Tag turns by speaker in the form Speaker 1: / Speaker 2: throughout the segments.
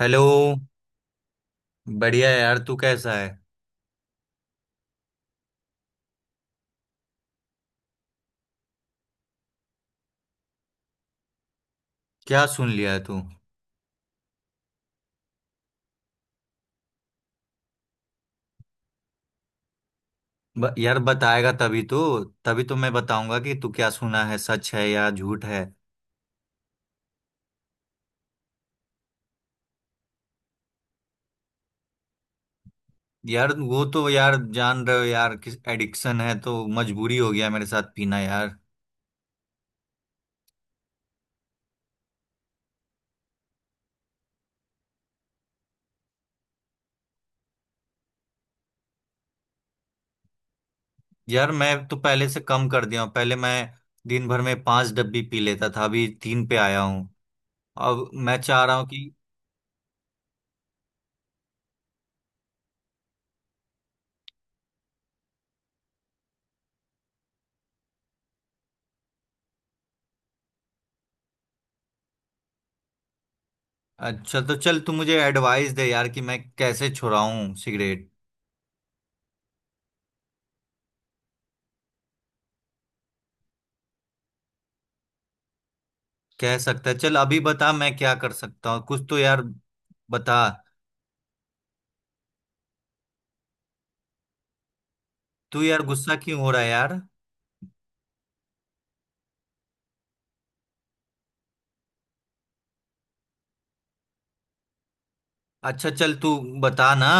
Speaker 1: Hello. बढ़िया है यार, तू कैसा है? क्या सुन लिया है तू? यार बताएगा तभी तो, तभी तो मैं बताऊंगा कि तू क्या सुना है, सच है या झूठ है। यार वो तो यार, जान रहे हो यार किस एडिक्शन है, तो मजबूरी हो गया मेरे साथ पीना यार। यार मैं तो पहले से कम कर दिया हूँ। पहले मैं दिन भर में पांच डब्बी पी लेता था, अभी तीन पे आया हूँ। अब मैं चाह रहा हूँ कि अच्छा, तो चल तू मुझे एडवाइस दे यार कि मैं कैसे छुड़ाऊँ सिगरेट। कह सकता है, चल अभी बता मैं क्या कर सकता हूँ कुछ तो यार, बता। तू यार गुस्सा क्यों हो रहा है यार? अच्छा चल, तू बता ना।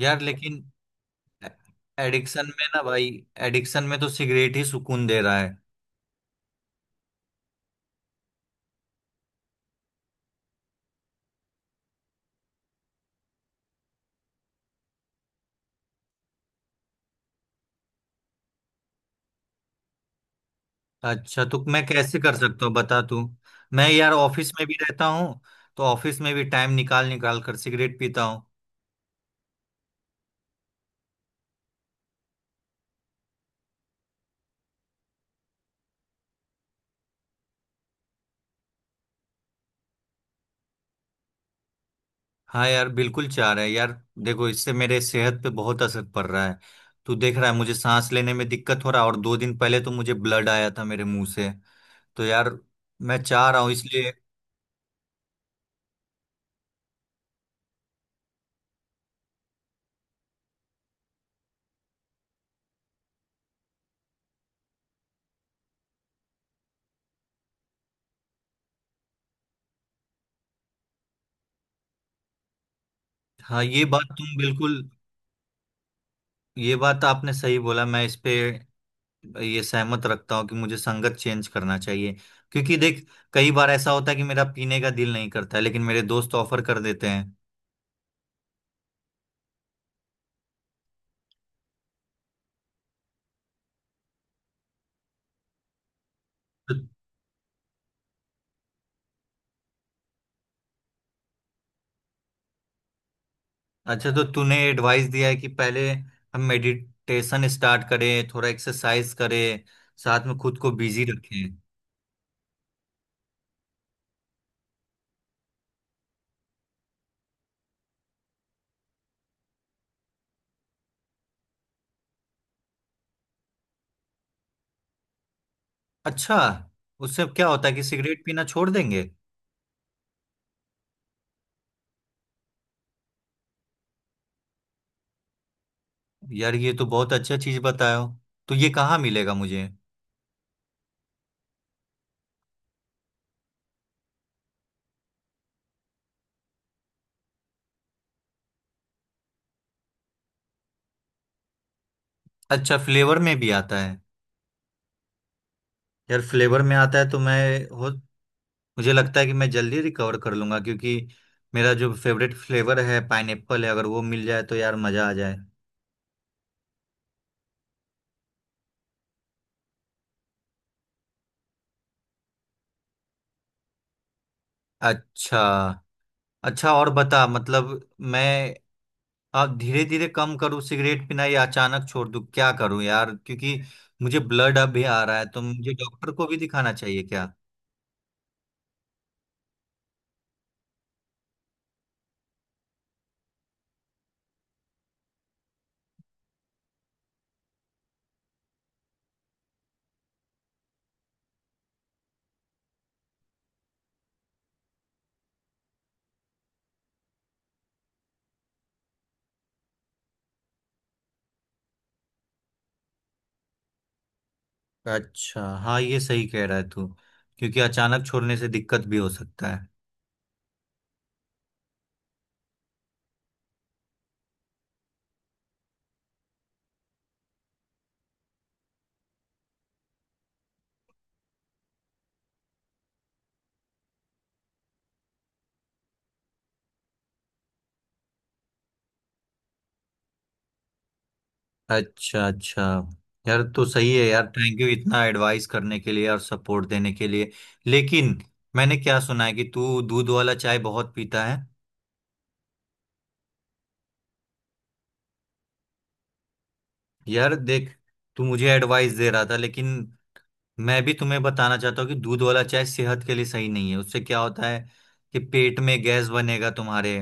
Speaker 1: यार लेकिन एडिक्शन में ना भाई, एडिक्शन में तो सिगरेट ही सुकून दे रहा है। अच्छा, तो मैं कैसे कर सकता हूँ बता तू। मैं यार ऑफिस में भी रहता हूँ, तो ऑफिस में भी टाइम निकाल निकाल कर सिगरेट पीता हूँ। हाँ यार, बिल्कुल चाह रहा है यार। देखो, इससे मेरे सेहत पे बहुत असर पड़ रहा है। तू देख रहा है मुझे सांस लेने में दिक्कत हो रहा है, और दो दिन पहले तो मुझे ब्लड आया था मेरे मुंह से। तो यार, मैं चाह रहा हूँ इसलिए। हाँ ये बात तुम बिल्कुल, ये बात आपने सही बोला। मैं इस पे ये सहमत रखता हूँ कि मुझे संगत चेंज करना चाहिए। क्योंकि देख, कई बार ऐसा होता है कि मेरा पीने का दिल नहीं करता है, लेकिन मेरे दोस्त ऑफर कर देते हैं। अच्छा, तो तूने एडवाइस दिया है कि पहले हम मेडिटेशन स्टार्ट करें, थोड़ा एक्सरसाइज करें, साथ में खुद को बिजी रखें। अच्छा, उससे क्या होता है कि सिगरेट पीना छोड़ देंगे? यार ये तो बहुत अच्छा चीज बताया हो। तो ये कहाँ मिलेगा मुझे? अच्छा, फ्लेवर में भी आता है? यार फ्लेवर में आता है तो मैं, हो, मुझे लगता है कि मैं जल्दी रिकवर कर लूंगा। क्योंकि मेरा जो फेवरेट फ्लेवर है पाइनएप्पल है, अगर वो मिल जाए तो यार मजा आ जाए। अच्छा अच्छा, और बता, मतलब मैं आप धीरे धीरे कम करूँ सिगरेट पीना या अचानक छोड़ दूँ? क्या करूँ यार? क्योंकि मुझे ब्लड अब भी आ रहा है, तो मुझे डॉक्टर को भी दिखाना चाहिए क्या? अच्छा, हाँ ये सही कह रहा है तू। क्योंकि अचानक छोड़ने से दिक्कत भी हो सकता है। अच्छा अच्छा। यार तो सही है यार, थैंक यू इतना एडवाइस करने के लिए और सपोर्ट देने के लिए। लेकिन मैंने क्या सुना है कि तू दूध वाला चाय बहुत पीता है। यार देख, तू मुझे एडवाइस दे रहा था लेकिन मैं भी तुम्हें बताना चाहता हूँ कि दूध वाला चाय सेहत के लिए सही नहीं है। उससे क्या होता है कि पेट में गैस बनेगा तुम्हारे,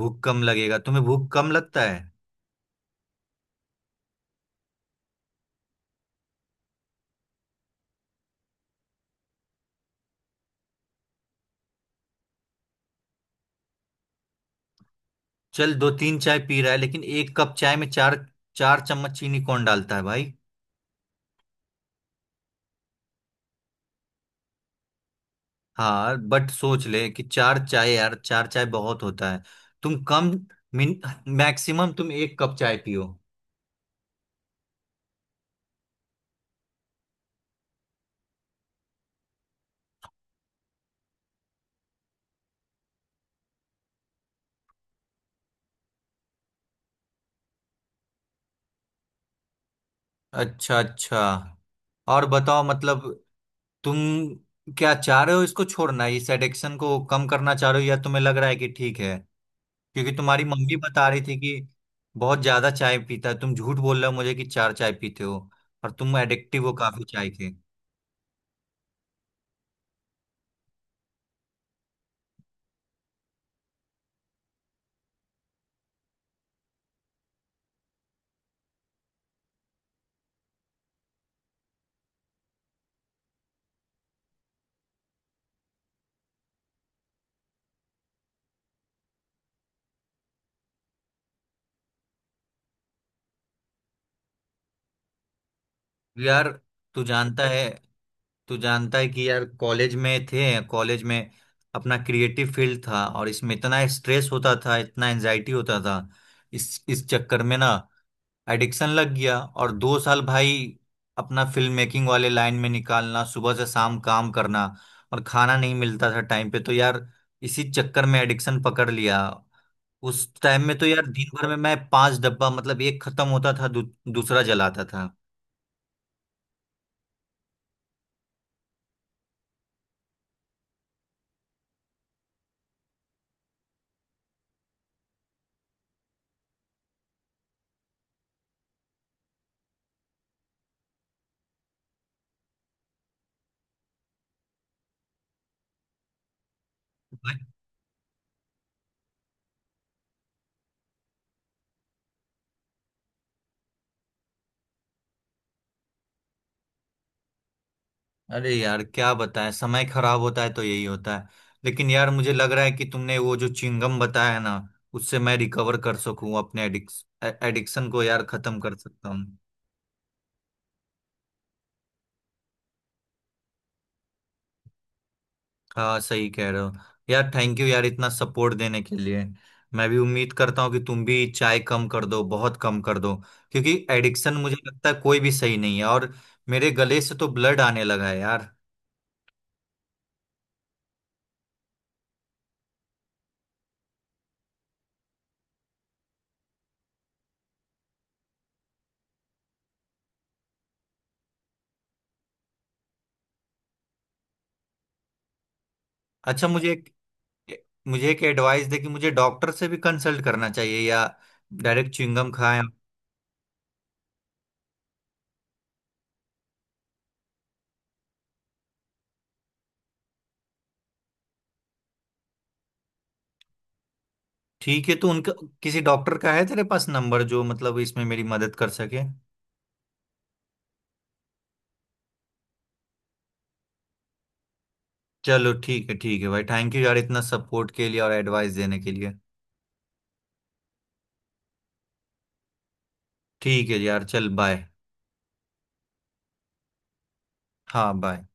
Speaker 1: भूख कम लगेगा, तुम्हें भूख कम लगता है। चल, दो तीन चाय पी रहा है लेकिन एक कप चाय में चार, चार चम्मच चीनी कौन डालता है भाई? हाँ बट सोच ले कि चार चाय यार, चार चाय बहुत होता है। तुम कम, मिन मैक्सिमम तुम एक कप चाय पियो। अच्छा अच्छा, और बताओ, मतलब तुम क्या चाह रहे हो, इसको छोड़ना, इस एडिक्शन को कम करना चाह रहे हो, या तुम्हें लग रहा है कि ठीक है? क्योंकि तुम्हारी मम्मी बता रही थी कि बहुत ज्यादा चाय पीता है। तुम झूठ बोल रहे हो मुझे कि चार चाय पीते हो, और तुम एडिक्टिव हो काफी चाय के। यार तू जानता है, तू जानता है कि यार कॉलेज में थे, कॉलेज में अपना क्रिएटिव फील्ड था और इसमें इतना स्ट्रेस होता था, इतना एंजाइटी होता था। इस चक्कर में ना एडिक्शन लग गया। और दो साल भाई अपना फिल्म मेकिंग वाले लाइन में निकालना, सुबह से शाम काम करना, और खाना नहीं मिलता था टाइम पे, तो यार इसी चक्कर में एडिक्शन पकड़ लिया। उस टाइम में तो यार दिन भर में मैं पांच डब्बा, मतलब एक खत्म होता था, दूसरा जलाता था। अरे यार क्या बताएं, समय खराब होता है तो यही होता है। लेकिन यार मुझे लग रहा है कि तुमने वो जो चिंगम बताया है ना, उससे मैं रिकवर कर सकूं अपने एडिक्स एडिक्शन को यार खत्म कर सकता हूं। हाँ सही कह रहे हो यार, थैंक यू यार इतना सपोर्ट देने के लिए। मैं भी उम्मीद करता हूँ कि तुम भी चाय कम कर दो, बहुत कम कर दो। क्योंकि एडिक्शन मुझे लगता है कोई भी सही नहीं है, और मेरे गले से तो ब्लड आने लगा है यार। अच्छा मुझे एक, मुझे एक एडवाइस दे कि मुझे डॉक्टर से भी कंसल्ट करना चाहिए या डायरेक्ट च्युइंगम खाएं? ठीक है, तो उनका किसी डॉक्टर का है तेरे पास नंबर जो मतलब इसमें मेरी मदद कर सके? चलो ठीक है भाई, थैंक यू यार इतना सपोर्ट के लिए और एडवाइस देने के लिए। ठीक है यार, चल बाय। हाँ बाय।